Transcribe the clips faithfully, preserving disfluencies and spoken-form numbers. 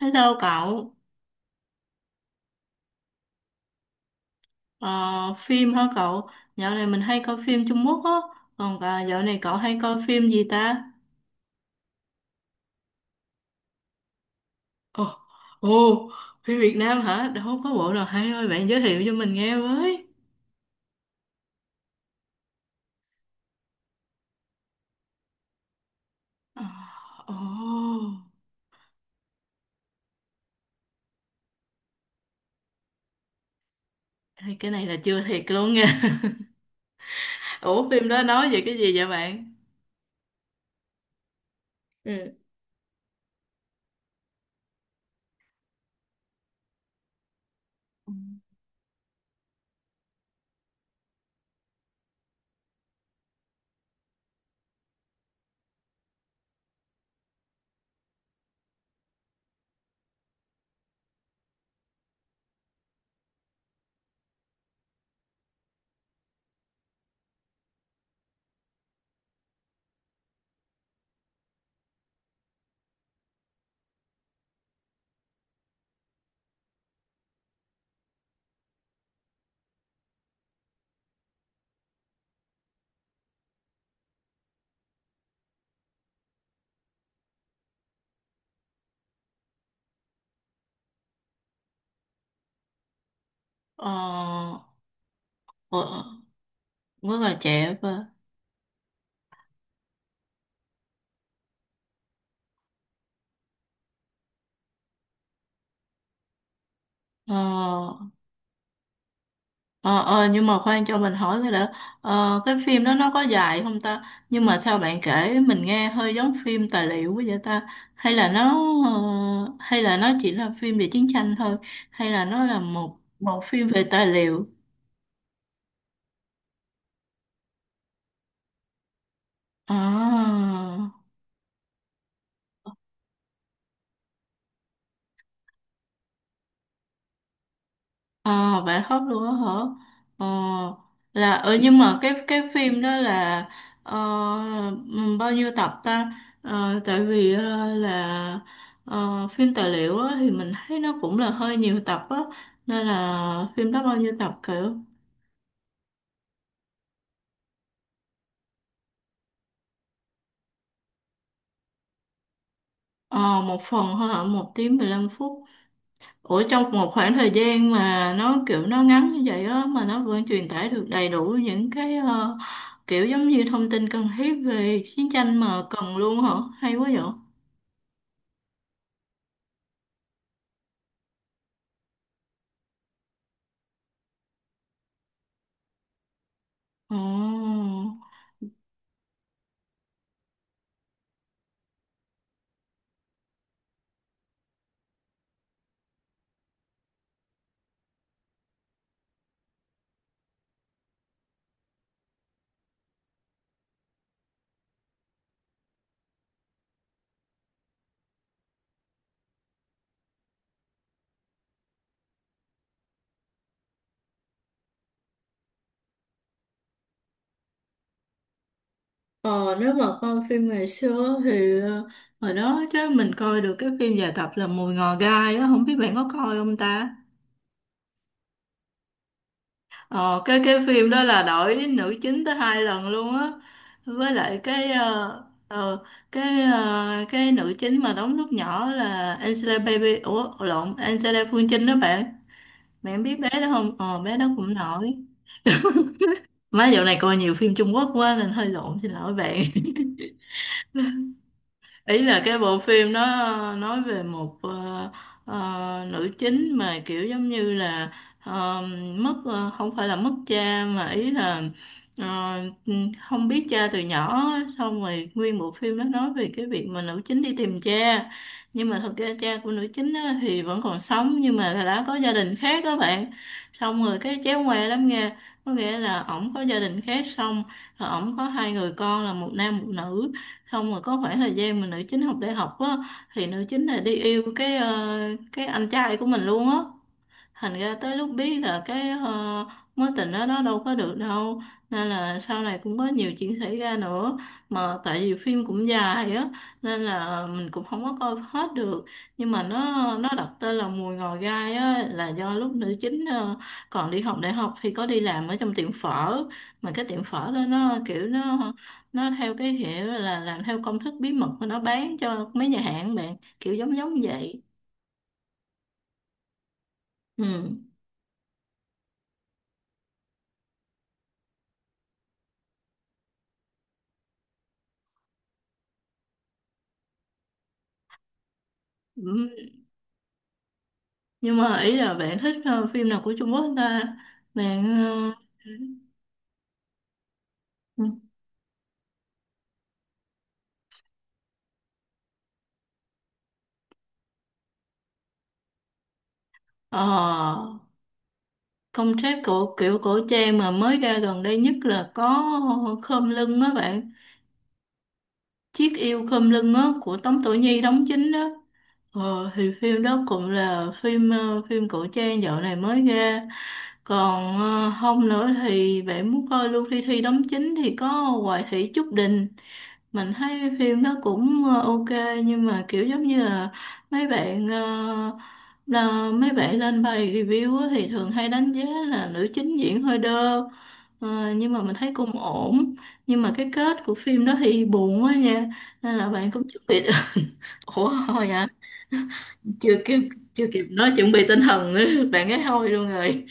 Hello cậu. Ờ, Phim hả cậu? Dạo này mình hay coi phim Trung Quốc á, còn à, dạo này cậu hay coi phim gì ta? Ồ, ồ, phim Việt Nam hả? Đâu có bộ nào hay thôi, bạn giới thiệu cho mình nghe với. Ờ. Ồ, đây, cái này là chưa thiệt luôn nha. Ủa phim đó nói về cái gì vậy bạn? Ừ. Ờ, ờ, rất là trẻ và... ờ, Ờ, ờ, nhưng mà khoan cho mình hỏi cái đã, ờ, cái phim đó nó có dài không ta? Nhưng mà sao bạn kể mình nghe hơi giống phim tài liệu quá vậy ta? Hay là nó, ờ, hay là nó chỉ là phim về chiến tranh thôi, hay là nó là một một phim về tài liệu? À. Ờ vậy khóc luôn á hả? Ờ, là ờ nhưng mà cái cái phim đó là ờ, ừm, bao nhiêu tập ta? Ờ, tại vì ờ, là ờ, phim tài liệu á, thì mình thấy nó cũng là hơi nhiều tập á, nên là phim đó bao nhiêu tập kiểu? Ờ một phần thôi hả? Một tiếng mười lăm phút. Ủa trong một khoảng thời gian mà nó kiểu nó ngắn như vậy á mà nó vẫn truyền tải được đầy đủ những cái, ờ, kiểu giống như thông tin cần thiết về chiến tranh mà cần luôn hả? Hay quá vậy. Ồ. Ờ, nếu mà coi phim ngày xưa thì, ờ, hồi đó chứ mình coi được cái phim dài tập là Mùi Ngò Gai á, không biết bạn có coi không ta? Ờ, cái cái phim đó là đổi nữ chính tới hai lần luôn á, với lại cái, ờ, ờ, cái, ờ, cái nữ chính mà đóng lúc nhỏ là Angela Baby, ủa lộn, Angela Phương Trinh đó bạn, bạn biết bé đó không, ờ bé đó cũng nổi. Má dạo này coi nhiều phim Trung Quốc quá nên hơi lộn, xin lỗi bạn. Ý là cái bộ phim nó nói về một, ờ, ờ, nữ chính mà kiểu giống như là, ờ, mất, ờ, không phải là mất cha mà ý là, ờ, không biết cha từ nhỏ á. Xong rồi nguyên bộ phim nó nói về cái việc mà nữ chính đi tìm cha, nhưng mà thật ra cha của nữ chính á, thì vẫn còn sống nhưng mà là đã có gia đình khác các bạn. Xong rồi cái chéo ngoe lắm nghe, có nghĩa là ổng có gia đình khác, xong rồi ổng có hai người con là một nam một nữ. Không mà có khoảng thời gian mà nữ chính học đại học á, thì nữ chính là đi yêu cái, ờ, cái anh trai của mình luôn á. Thành ra tới lúc biết là cái, ờ, mối tình đó nó đâu có được đâu, nên là sau này cũng có nhiều chuyện xảy ra nữa, mà tại vì phim cũng dài á nên là mình cũng không có coi hết được. Nhưng mà nó nó đặt tên là Mùi Ngò Gai á là do lúc nữ chính, ờ, còn đi học đại học thì có đi làm ở trong tiệm phở, mà cái tiệm phở đó nó kiểu nó nó theo cái kiểu là làm theo công thức bí mật mà nó bán cho mấy nhà hàng bạn kiểu giống giống vậy. Ừ, nhưng mà ý là bạn thích, ờ, phim nào của Trung Quốc ta, bạn? ờ, ờ, concept của kiểu cổ trang mà mới ra gần đây nhất là có Khom Lưng á bạn. Chiếc yêu khom lưng á của Tống Tổ Nhi đóng chính đó. Ờ, thì phim đó cũng là phim, ờ, phim cổ trang dạo này mới ra. Còn ờ, không nữa thì bạn muốn coi Lưu Thi Thi đóng chính thì có Hoài Thị Trúc Đình. Mình thấy phim đó cũng, ờ, ok, nhưng mà kiểu giống như là mấy bạn, ờ, là mấy bạn lên bài review á thì thường hay đánh giá là nữ chính diễn hơi đơ. Ờ, nhưng mà mình thấy cũng ổn, nhưng mà cái kết của phim đó thì buồn quá nha, nên là bạn cũng chuẩn bị. Ủa thôi hả? Chưa kịp, chưa kịp nói chuẩn bị tinh thần nữa bạn ấy thôi luôn rồi.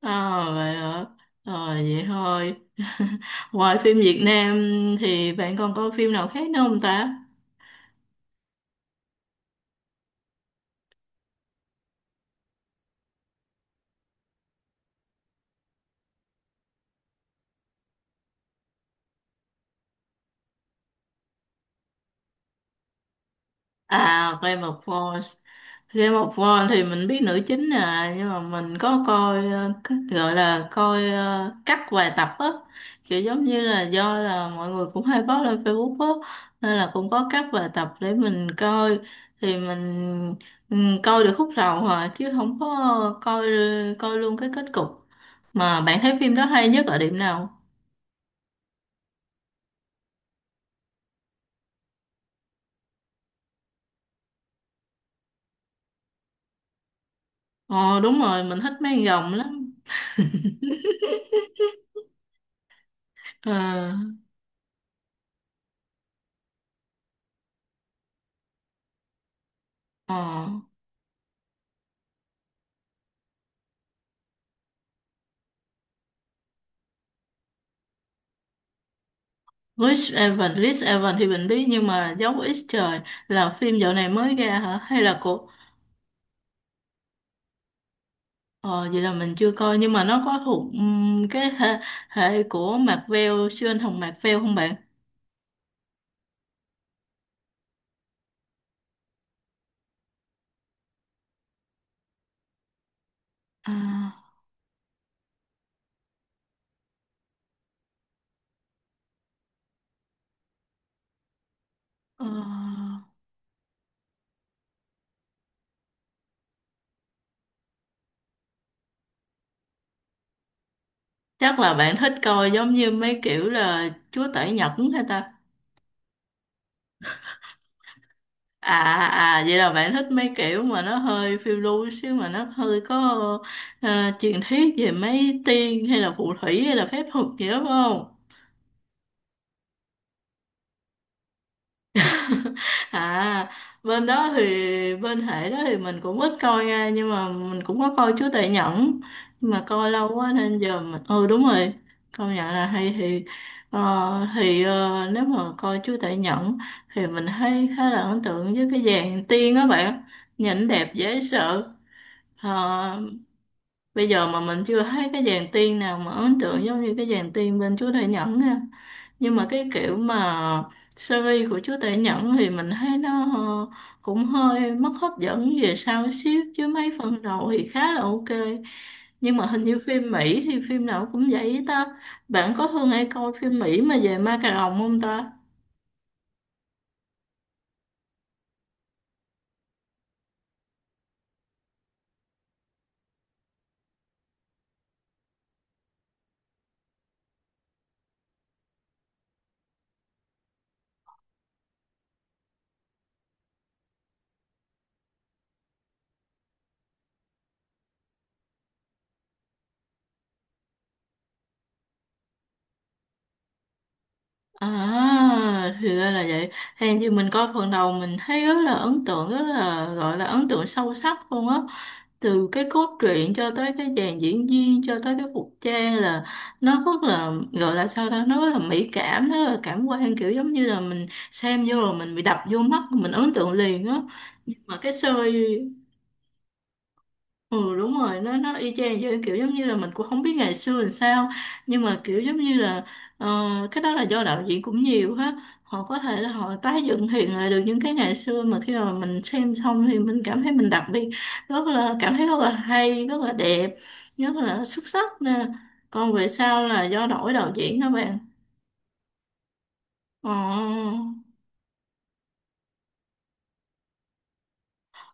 Ờ vậy hả? Ờ vậy thôi. Ngoài phim Việt Nam thì bạn còn coi phim nào khác nữa không ta? À, Game of Thrones. Game of Thrones thì mình biết nữ chính à, nhưng mà mình có coi, ờ, cái- gọi là coi, ờ, cắt vài tập á, kiểu giống như là do là mọi người cũng hay post lên Facebook á, nên là cũng có cắt vài tập để mình coi. Thì mình, ừ, coi được khúc đầu à chứ không có coi, coi luôn cái kết cục. Mà bạn thấy phim đó hay nhất ở điểm nào? Ờ đúng rồi, mình thích mấy con rồng lắm. Ờ. Ờ. Rich Evan, Rich Evan thì mình biết nhưng mà dấu X trời, là phim dạo này mới ra hả? Hay là của, ờ, vậy là mình chưa coi, nhưng mà nó có thuộc ừm, cái hệ, hệ của Marvel siêu anh hùng Marvel không bạn? À, ờ, chắc là bạn thích coi giống như mấy kiểu là Chúa Tể Nhật hay ta? À à à, vậy là bạn thích mấy kiểu mà nó hơi phiêu lưu xíu mà nó hơi có, ờ, truyền thuyết về mấy tiên hay là phù thủy hay là phép thuật gì đó phải không? À, bên đó thì, bên hệ đó thì mình cũng ít coi nha, nhưng mà mình cũng có coi Chúa Tể Nhẫn, nhưng mà coi lâu quá nên giờ mình ừ đúng rồi, công nhận là hay. Thì, ờ, thì, ờ, nếu mà coi Chúa Tể Nhẫn thì mình thấy khá là ấn tượng với cái dàn tiên á bạn, nhìn đẹp dễ sợ. Ờ. Bây giờ mà mình chưa thấy cái dàn tiên nào mà ấn tượng giống như cái dàn tiên bên Chúa Tể Nhẫn nha. Nhưng mà cái kiểu mà series của Chúa Tể Nhẫn thì mình thấy nó, ờ, cũng hơi mất hấp dẫn về sau xíu, chứ mấy phần đầu thì khá là ok. Nhưng mà hình như phim Mỹ thì phim nào cũng vậy ta. Bạn có thường hay coi phim Mỹ mà về ma cà rồng không ta? À, thì ra là vậy. Hèn gì mình coi phần đầu mình thấy rất là ấn tượng, rất là gọi là ấn tượng sâu sắc luôn á. Từ cái cốt truyện cho tới cái dàn diễn viên, cho tới cái phục trang là nó rất là gọi là sao ta, nó rất là mỹ cảm, nó rất là cảm quan kiểu giống như là mình xem vô rồi mình bị đập vô mắt, mình ấn tượng liền á. Nhưng mà cái series. Ừ đúng rồi, nó nó y chang vậy, kiểu giống như là mình cũng không biết ngày xưa làm sao, nhưng mà kiểu giống như là, ờ, cái đó là do đạo diễn cũng nhiều hết, họ có thể là họ tái dựng hiện lại được những cái ngày xưa mà khi mà mình xem xong thì mình cảm thấy mình đặc biệt, rất là cảm thấy rất là hay, rất là đẹp, rất là xuất sắc nè. Còn về sau là do đổi đạo diễn các bạn. Ờ,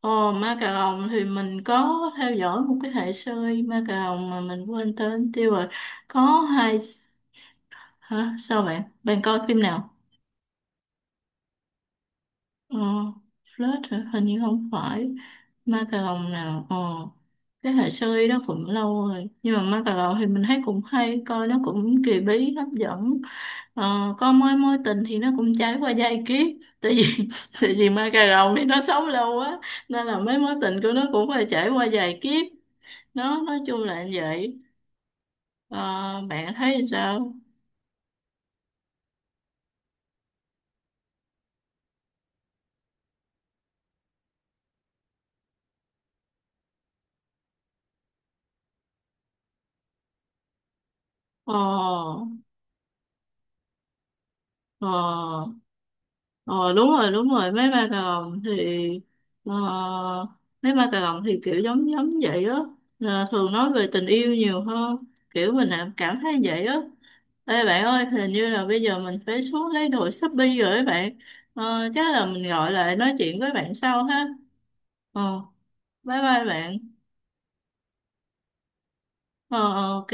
ờ, ma cà rồng thì mình có theo dõi một cái hệ series ma cà rồng mà mình quên tên tiêu rồi, có hai. Hả? Sao bạn? Bạn coi phim nào? Ờ, Flirt hả? Hình như không phải. Ma cà rồng nào? Ờ, cái hệ sơ y đó cũng lâu rồi. Nhưng mà ma cà rồng thì mình thấy cũng hay. Coi nó cũng kỳ bí, hấp dẫn. Ờ, coi mối mối tình thì nó cũng trải qua giai kiếp. Tại vì, tại vì ma cà rồng thì nó sống lâu quá. Nên là mấy mối tình của nó cũng phải trải qua vài kiếp. Nó nói chung là như vậy. Ờ, bạn thấy sao? Ờ. Ờ. Ờ đúng rồi đúng rồi, mấy ba cà rồng thì, ờ, mấy ba cà rồng thì kiểu giống giống vậy á. Ờ, thường nói về tình yêu nhiều hơn, kiểu mình là cảm thấy vậy á. Ê bạn ơi hình như là bây giờ mình phải xuống lấy đồ Shopee rồi ấy bạn. Ờ, chắc là mình gọi lại nói chuyện với bạn sau ha. Ờ, bye bye bạn. Ờ ờ, ok.